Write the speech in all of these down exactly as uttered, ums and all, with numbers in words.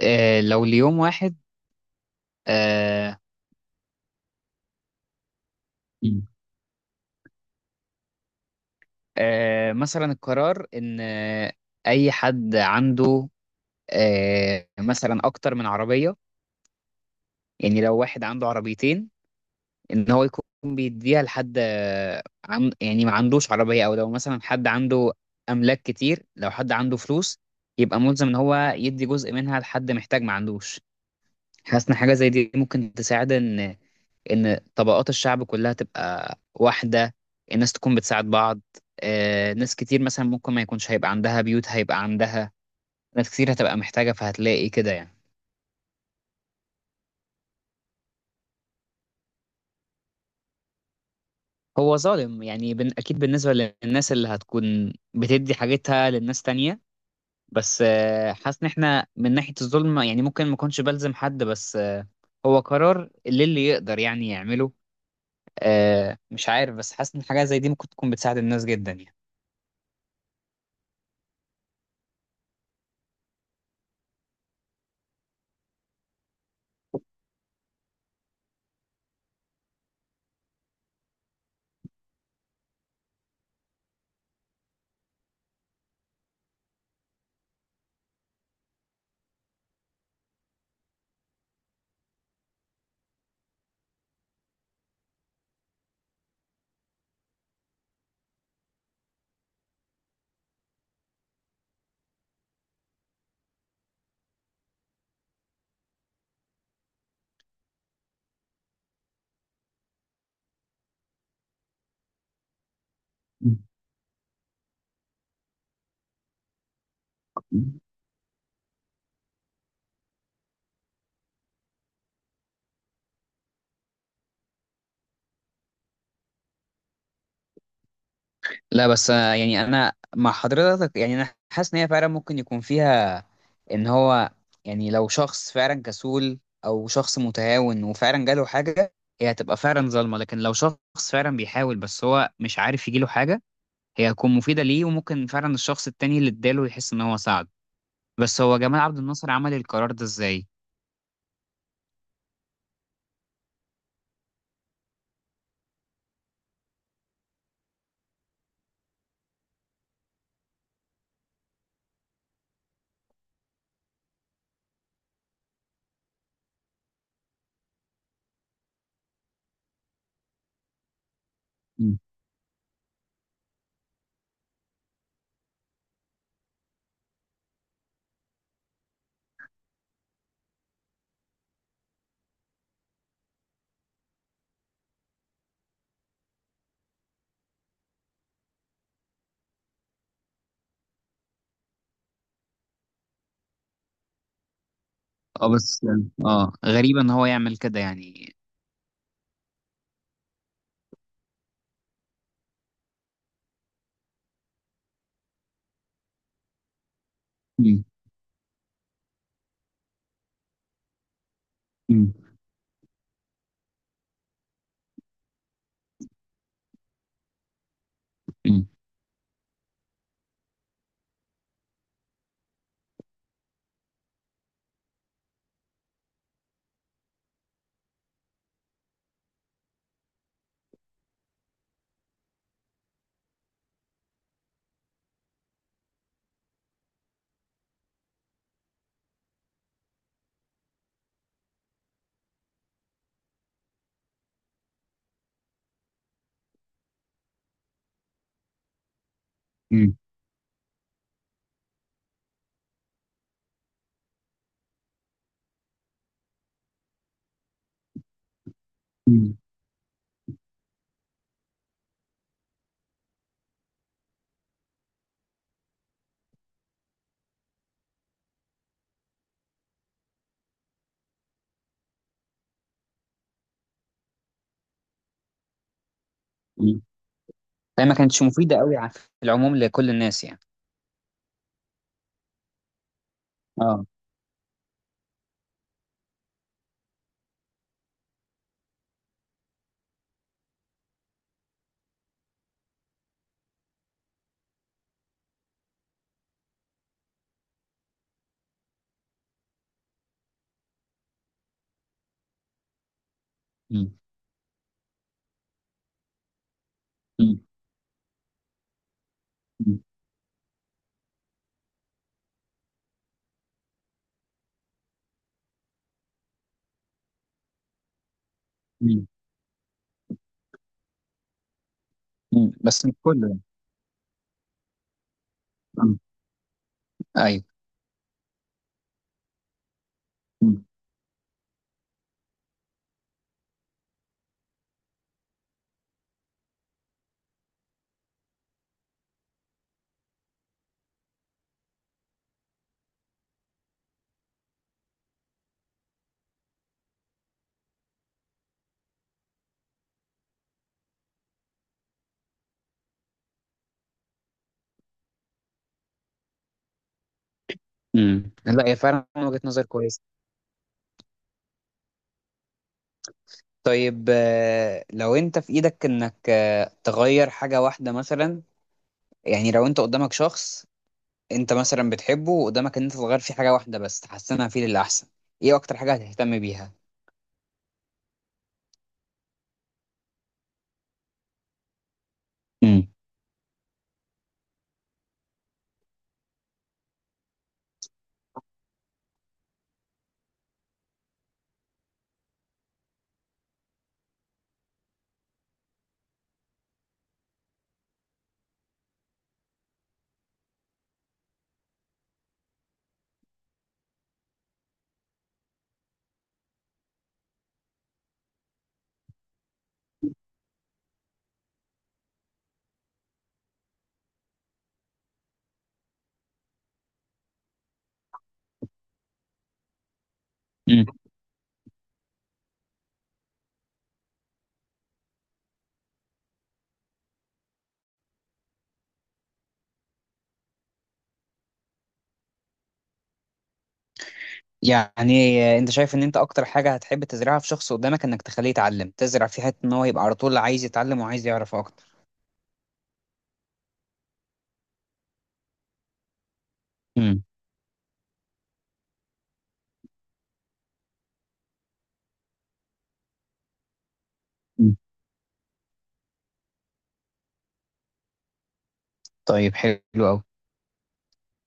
آه. لو ليوم واحد. آه. مم. آه مثلا القرار ان آه اي حد عنده آه مثلا اكتر من عربية، يعني لو واحد عنده عربيتين، ان هو يكون بيديها لحد آه عن، يعني ما عندوش عربية، او لو مثلا حد عنده املاك كتير، لو حد عنده فلوس يبقى ملزم ان هو يدي جزء منها لحد محتاج ما عندوش. حاسس ان حاجة زي دي ممكن تساعد ان ان طبقات الشعب كلها تبقى واحده، الناس تكون بتساعد بعض. آه، ناس كتير مثلا ممكن ما يكونش هيبقى عندها بيوت، هيبقى عندها ناس كتير هتبقى محتاجه، فهتلاقي كده يعني. هو ظالم يعني، بن... اكيد بالنسبه للناس اللي هتكون بتدي حاجتها للناس تانية. بس آه، حاسس ان احنا من ناحيه الظلم يعني ممكن ما اكونش بلزم حد. بس آه، هو قرار اللي اللي يقدر يعني يعمله. آه، مش عارف، بس حاسس ان حاجه زي دي ممكن تكون بتساعد الناس جدا. يعني. لا، بس آه، يعني انا مع حضرتك. يعني انا حاسس ان هي فعلا ممكن يكون فيها، ان هو، يعني لو شخص فعلا كسول او شخص متهاون وفعلا جاله حاجه، هي هتبقى فعلا ظالمه. لكن لو شخص فعلا بيحاول بس هو مش عارف يجيله حاجه، هي هتكون مفيده ليه، وممكن فعلا الشخص التاني اللي اداله يحس ان هو ساعد. بس هو جمال عبد الناصر عمل القرار ده ازاي؟ مم. اه، بس يعني اه غريب ان هو يعمل كده يعني. مم. مم. مم. مم. مم. فهي ما كانتش مفيدة قوي ع- في العموم لكل الناس يعني. اه. مم. مم. مم. مم. مم. بس مش كله يعني. مم. ايوه. مم. امم لا، هي فعلا وجهة نظر كويسة. طيب، آه، لو انت في ايدك انك آه، تغير حاجة واحدة مثلا، يعني لو انت قدامك شخص انت مثلا بتحبه، وقدامك ان انت تغير فيه حاجة واحدة بس تحسنها فيه للأحسن، ايه اكتر حاجة هتهتم بيها؟ مم. مم. يعني انت شايف ان انت اكتر حاجة هتحب تزرعها في شخص قدامك انك تخليه يتعلم، تزرع في حتة ان هو يبقى على طول عايز يتعلم وعايز يعرف اكتر. امم طيب، حلو قوي.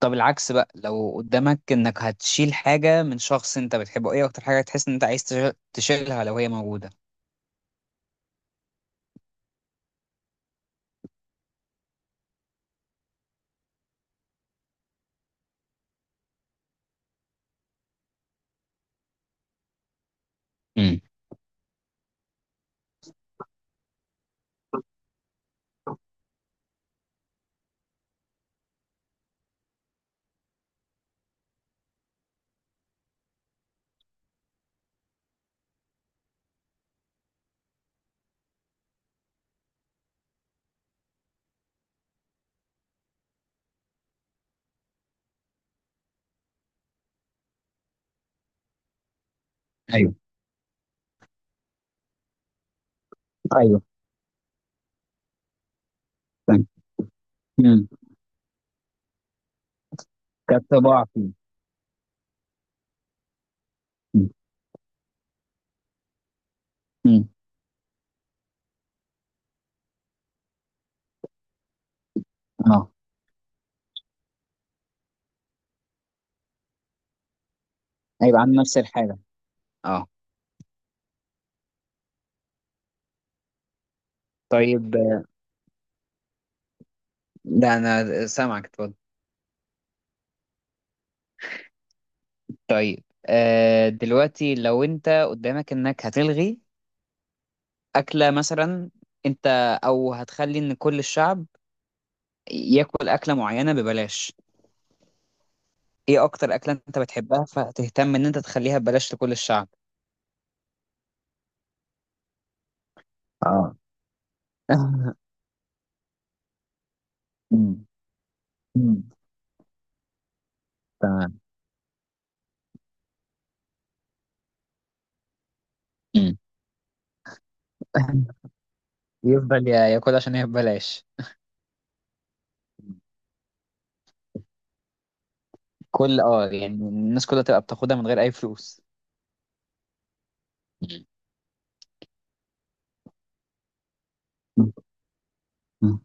طب العكس بقى، لو قدامك انك هتشيل حاجة من شخص انت بتحبه، ايه اكتر حاجة تحس ان انت عايز تش- تشيلها لو هي موجودة؟ امم. ايوه. ايوه. فاهم. امم. كطباع فيه. امم. أمم. اه. هيبقى عن نفس الحاجة. اه. طيب. ده انا سامعك. طيب، آه دلوقتي لو انت قدامك انك هتلغي أكلة مثلا، انت او هتخلي ان كل الشعب ياكل أكلة معينة ببلاش، ايه اكتر أكلة انت بتحبها فتهتم ان انت تخليها ببلاش لكل الشعب؟ اه. أمم، أمم، تمام. مم. يفضل يا- ياكل عشان هي ببلاش. كل، اه يعني الناس كلها تبقى بتاخدها من غير اي فلوس. مم. أمم،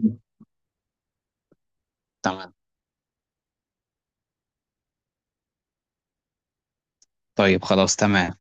أمم. تمام. طيب، خلاص، تمام.